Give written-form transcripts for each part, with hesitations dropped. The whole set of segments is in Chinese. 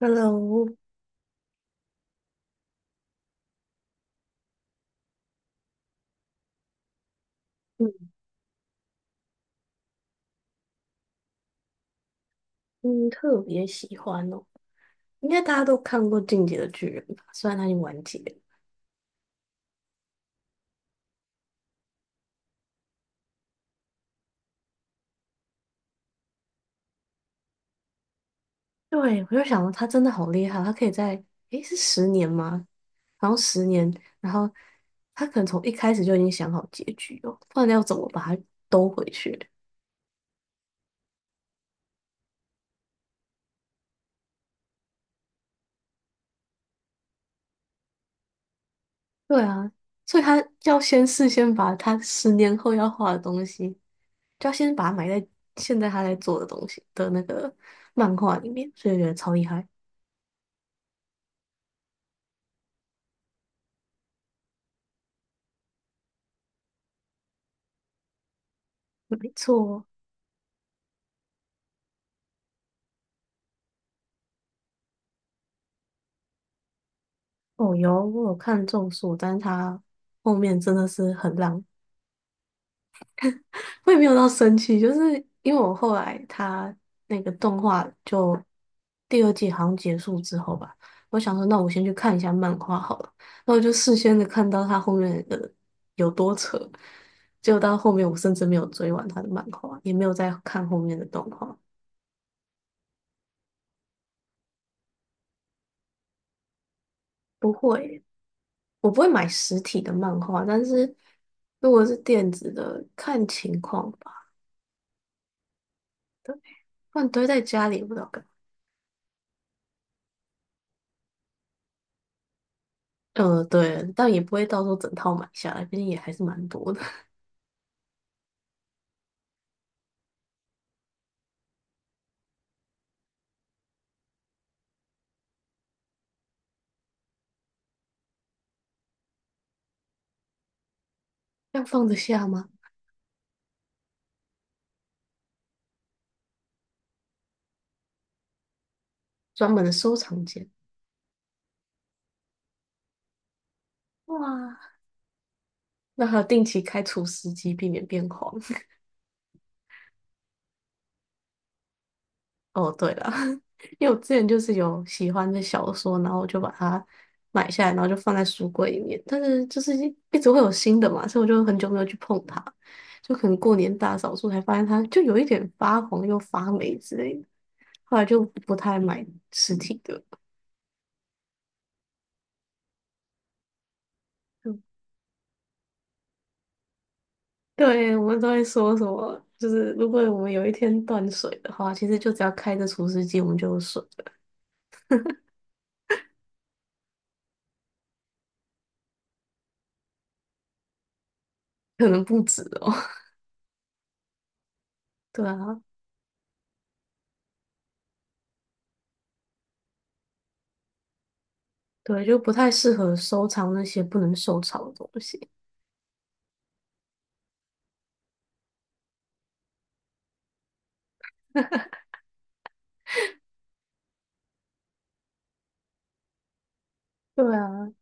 Hello，嗯嗯，特别喜欢哦，应该大家都看过《进击的巨人》吧？虽然它已经完结了。对，我就想到他真的好厉害，他可以在，诶，是十年吗？然后十年，然后他可能从一开始就已经想好结局哦，不然要怎么把它兜回去？对啊，所以他要先事先把他10年后要画的东西，就要先把它埋在现在他在做的东西的那个漫画里面，所以我觉得超厉害。没错，哦，有，我有看《中术》，但是他后面真的是很烂，我也没有到生气，就是因为我后来他那个动画就第二季好像结束之后吧，我想说那我先去看一下漫画好了，那我就事先的看到他后面的有多扯，结果到后面我甚至没有追完他的漫画，也没有再看后面的动画。不会，我不会买实体的漫画，但是如果是电子的，看情况。吧。不然堆在家里也不知道干嘛。对，但也不会到时候整套买下来，毕竟也还是蛮多的。要放得下吗？专门的收藏间。哇，那还要定期开除湿机，避免变黄。哦，对了，因为我之前就是有喜欢的小说，然后我就把它买下来，然后就放在书柜里面。但是就是一直会有新的嘛，所以我就很久没有去碰它。就可能过年大扫除才发现它就有一点发黄又发霉之类的，后来就不太买实体的了。对，我们都会说什么，就是如果我们有一天断水的话，其实就只要开着除湿机，我们就有水了可能不止哦。对啊，对，就不太适合收藏那些不能收藏的东西。对啊，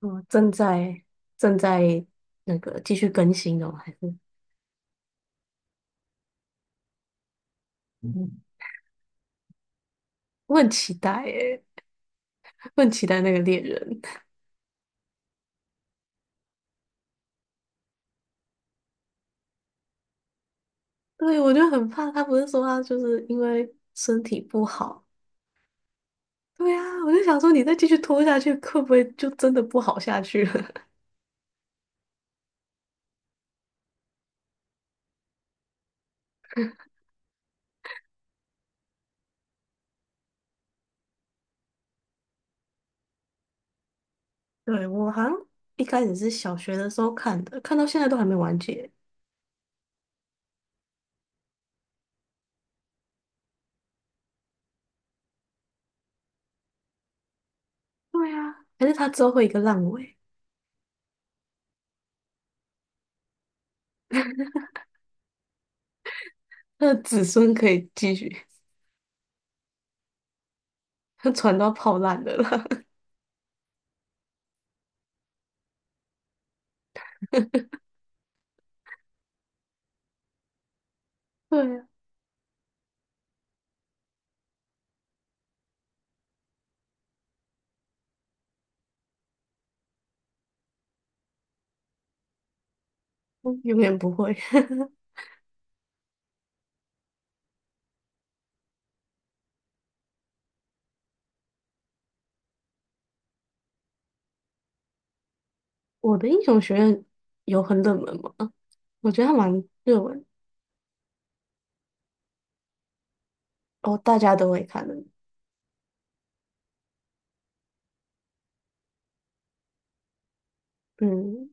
嗯，正在那个继续更新哦，还是我很期待耶，我很期待那个猎人。对，我就很怕他，不是说他就是因为身体不好。对啊，我就想说，你再继续拖下去，会不会就真的不好下去了？对，我好像一开始是小学的时候看的，看到现在都还没完结。对啊，还是他之后会有一个烂尾，他的子孙可以继续，他船都要泡烂的了啦。对啊，嗯永远不会。我的英雄学院有很冷门吗？我觉得它蛮热门哦，大家都会看的。嗯，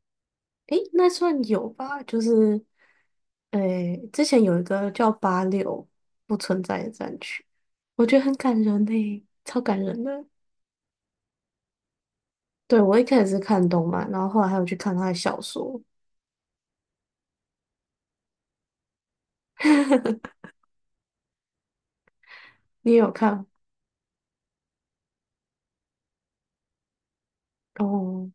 诶，那算有吧，就是诶，之前有一个叫86不存在的战区，我觉得很感人呢、超感人的。对，我一开始是看动漫，然后后来还有去看他的小说。你也有看？哦，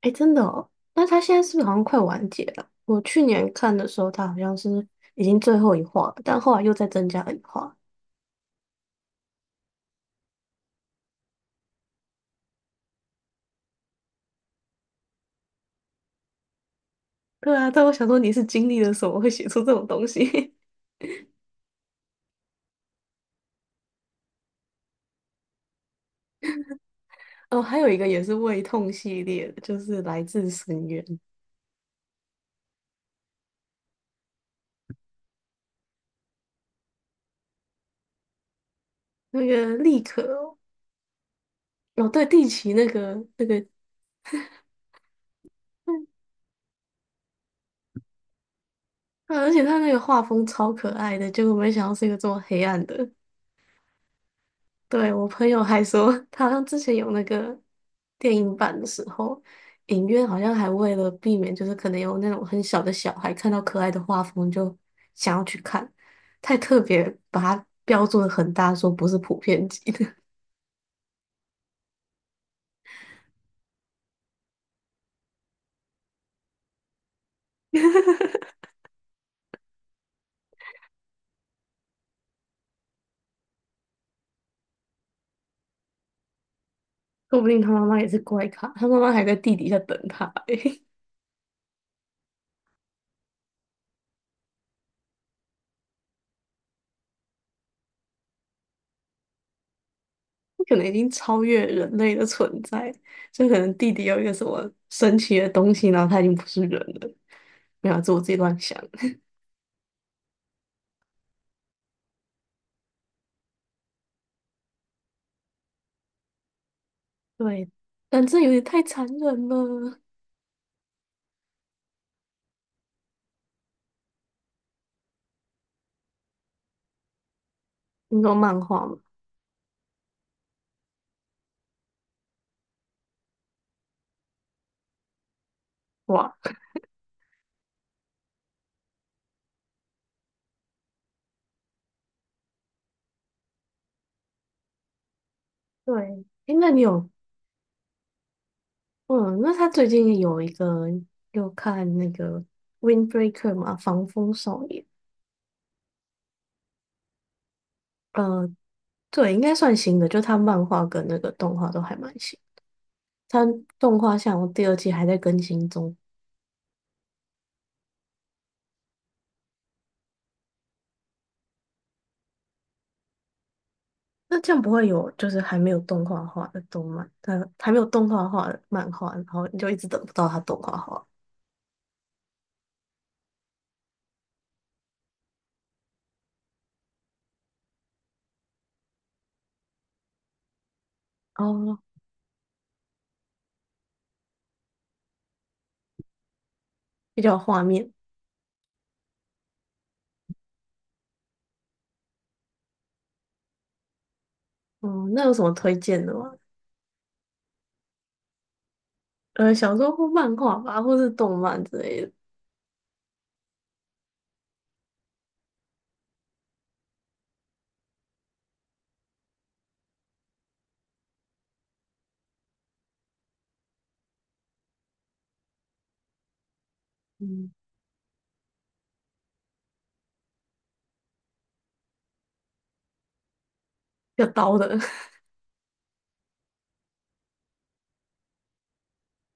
哎，真的哦。那他现在是不是好像快完结了？我去年看的时候，他好像是已经最后一话了，但后来又再增加了一话。对啊，但我想说你是经历了什么会写出这种东西？哦，还有一个也是胃痛系列的，就是《来自深渊》那个立可哦，哦对，地奇那个，嗯，啊而且他那个画风超可爱的，结果没想到是一个这么黑暗的。对，我朋友还说，他好像之前有那个电影版的时候，影院好像还为了避免，就是可能有那种很小的小孩看到可爱的画风就想要去看，太特别把它标注的很大，说不是普遍级的。说不定他妈妈也是怪咖，他妈妈还在地底下等他、欸，可能已经超越人类的存在，就可能地底有一个什么神奇的东西，然后他已经不是人了。没有啊，这我自己乱想。对，但这有点太残忍了。你说漫画吗？哇，对，诶，那你有，嗯，那他最近有一个有看那个《Windbreaker》嘛，《防风少年》。呃，对，应该算新的，就他漫画跟那个动画都还蛮新。他动画像第二季还在更新中，那这样不会有就是还没有动画化的动漫，他还没有动画化的漫画，然后你就一直等不到他动画化，哦，比较有画面。嗯，那有什么推荐的吗？小说或漫画吧，或是动漫之类的，嗯，要刀的，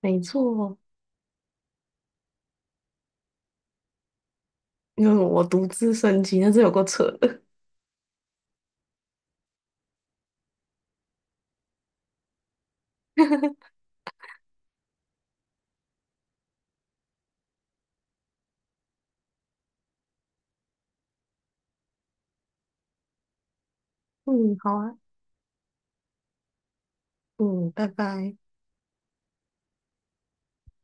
没错，因为我独自升级，那是有够扯的。嗯，好啊，嗯，拜拜。